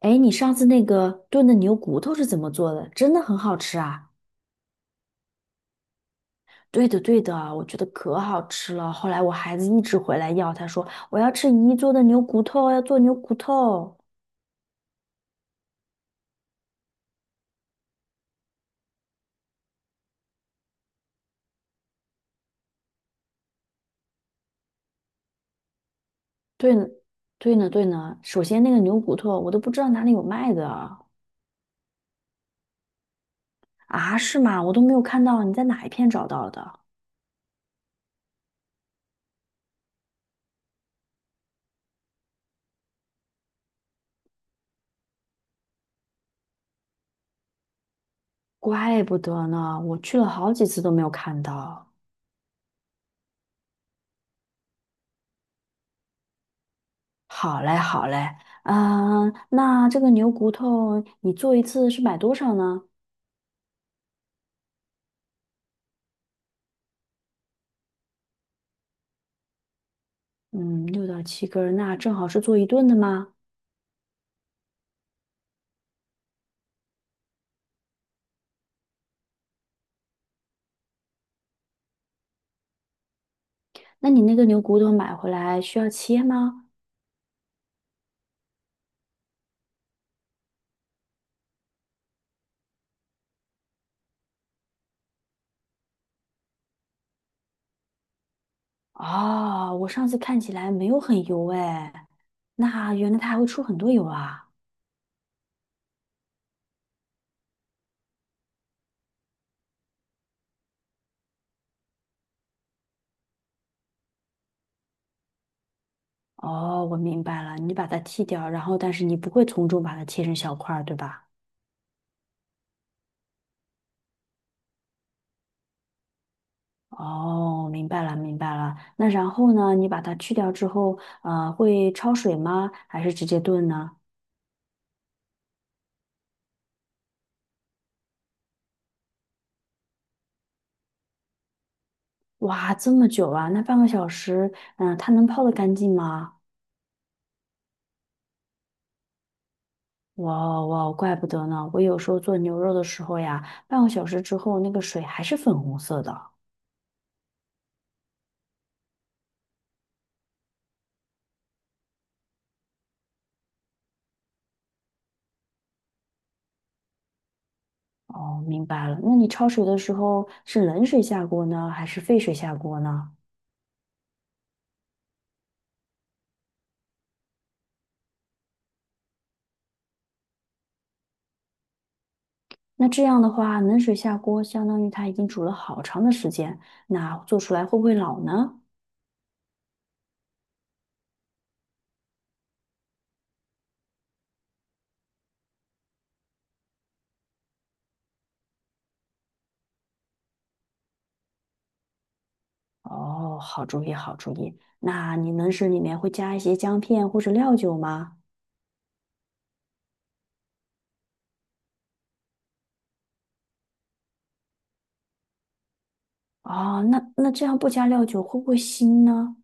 哎，你上次那个炖的牛骨头是怎么做的？真的很好吃啊！对的，对的，我觉得可好吃了。后来我孩子一直回来要，他说我要吃姨做的牛骨头，要做牛骨头。对呢，对呢，对呢。首先那个牛骨头我都不知道哪里有卖的啊，是吗？我都没有看到，你在哪一片找到的？怪不得呢，我去了好几次都没有看到。好嘞，好嘞，嗯、那这个牛骨头你做一次是买多少呢？嗯，6到7根儿，那正好是做一顿的吗？那你那个牛骨头买回来需要切吗？哦，我上次看起来没有很油哎，那原来它还会出很多油啊。哦，我明白了，你把它剔掉，然后但是你不会从中把它切成小块儿，对吧？哦，明白了，明白了。那然后呢？你把它去掉之后，会焯水吗？还是直接炖呢？哇，这么久啊，那半个小时，嗯、它能泡得干净吗？哇哦哇哦，怪不得呢！我有时候做牛肉的时候呀，半个小时之后那个水还是粉红色的。哦，明白了。那你焯水的时候是冷水下锅呢，还是沸水下锅呢？那这样的话，冷水下锅相当于它已经煮了好长的时间，那做出来会不会老呢？哦，好主意，好主意。那你冷水里面会加一些姜片或者料酒吗？哦，那这样不加料酒会不会腥呢？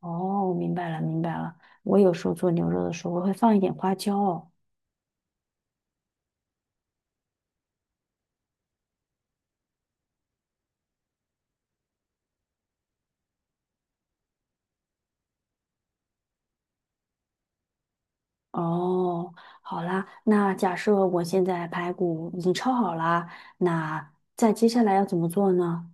哦，明白了，明白了。我有时候做牛肉的时候，我会放一点花椒哦。哦好啦，那假设我现在排骨已经焯好啦，那再接下来要怎么做呢？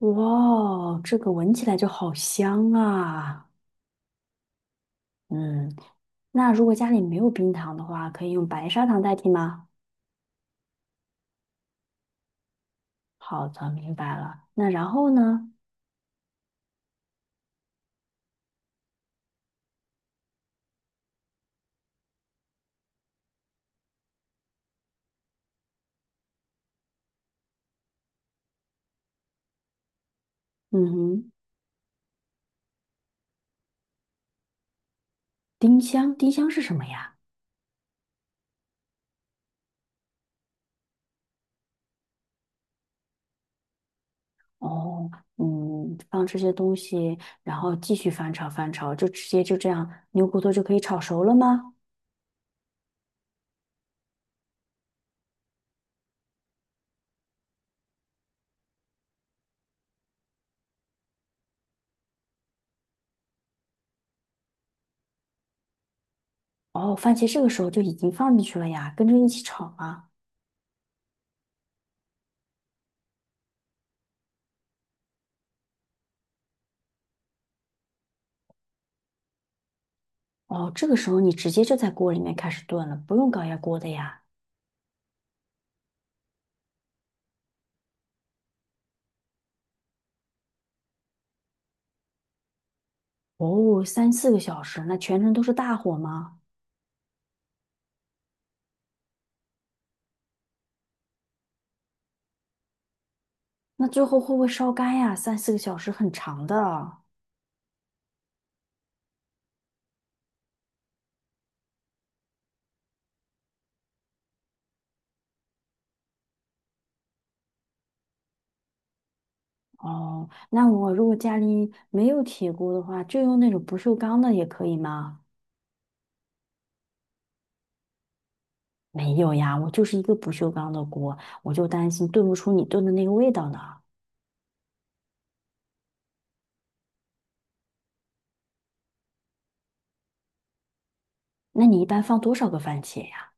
哇，这个闻起来就好香啊！嗯，那如果家里没有冰糖的话，可以用白砂糖代替吗？好的，明白了。那然后呢？嗯哼，丁香，丁香是什么呀？哦，嗯，放这些东西，然后继续翻炒翻炒，就直接就这样，牛骨头就可以炒熟了吗？哦，番茄这个时候就已经放进去了呀，跟着一起炒啊。哦，这个时候你直接就在锅里面开始炖了，不用高压锅的呀。哦，三四个小时，那全程都是大火吗？那最后会不会烧干呀？三四个小时很长的啊。哦，那我如果家里没有铁锅的话，就用那种不锈钢的也可以吗？没有呀，我就是一个不锈钢的锅，我就担心炖不出你炖的那个味道呢。那你一般放多少个番茄呀？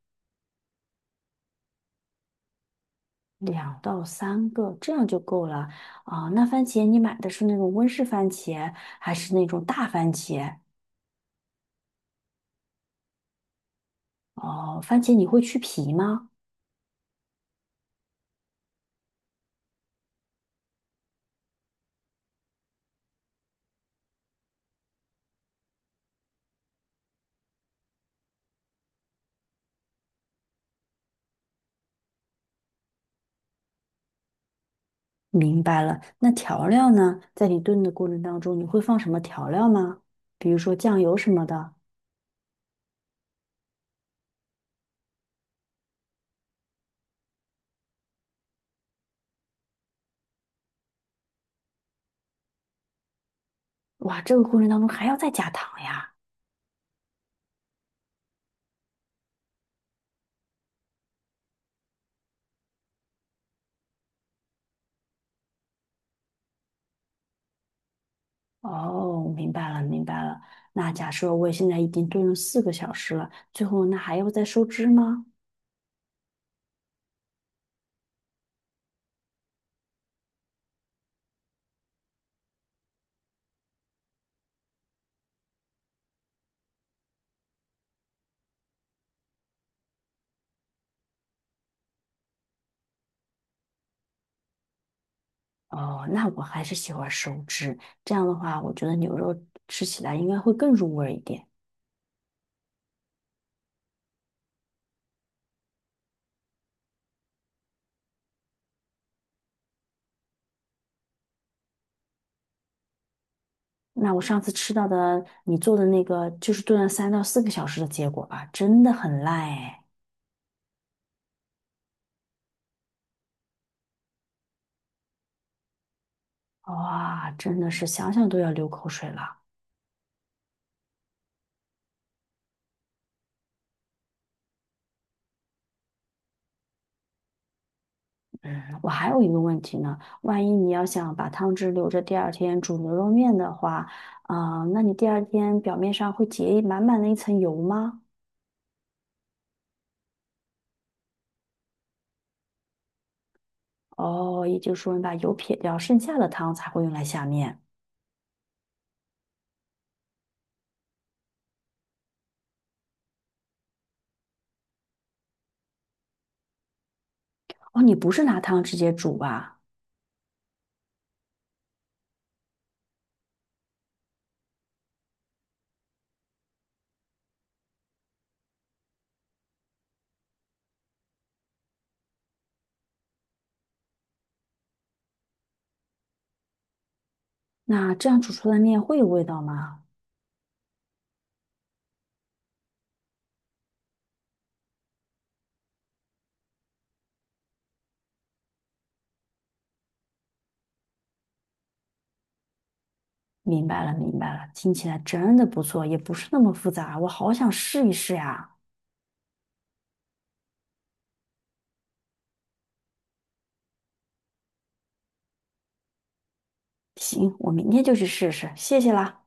2到3个，这样就够了啊。那番茄你买的是那种温室番茄，还是那种大番茄？哦，番茄你会去皮吗？明白了。那调料呢？在你炖的过程当中，你会放什么调料吗？比如说酱油什么的。哇，这个过程当中还要再加糖呀。哦，明白了，明白了。那假设我现在已经炖了四个小时了，最后那还要再收汁吗？哦，那我还是喜欢收汁，这样的话，我觉得牛肉吃起来应该会更入味儿一点。那我上次吃到的你做的那个，就是炖了3到4个小时的结果啊，真的很烂哎！哇，真的是想想都要流口水了。嗯，我还有一个问题呢，万一你要想把汤汁留着第二天煮牛肉面的话，啊、那你第二天表面上会结满满的一层油吗？哦，也就是说你把油撇掉，剩下的汤才会用来下面。哦，你不是拿汤直接煮吧？那这样煮出来的面会有味道吗？明白了，明白了，听起来真的不错，也不是那么复杂，我好想试一试呀。行，我明天就去试试，谢谢啦。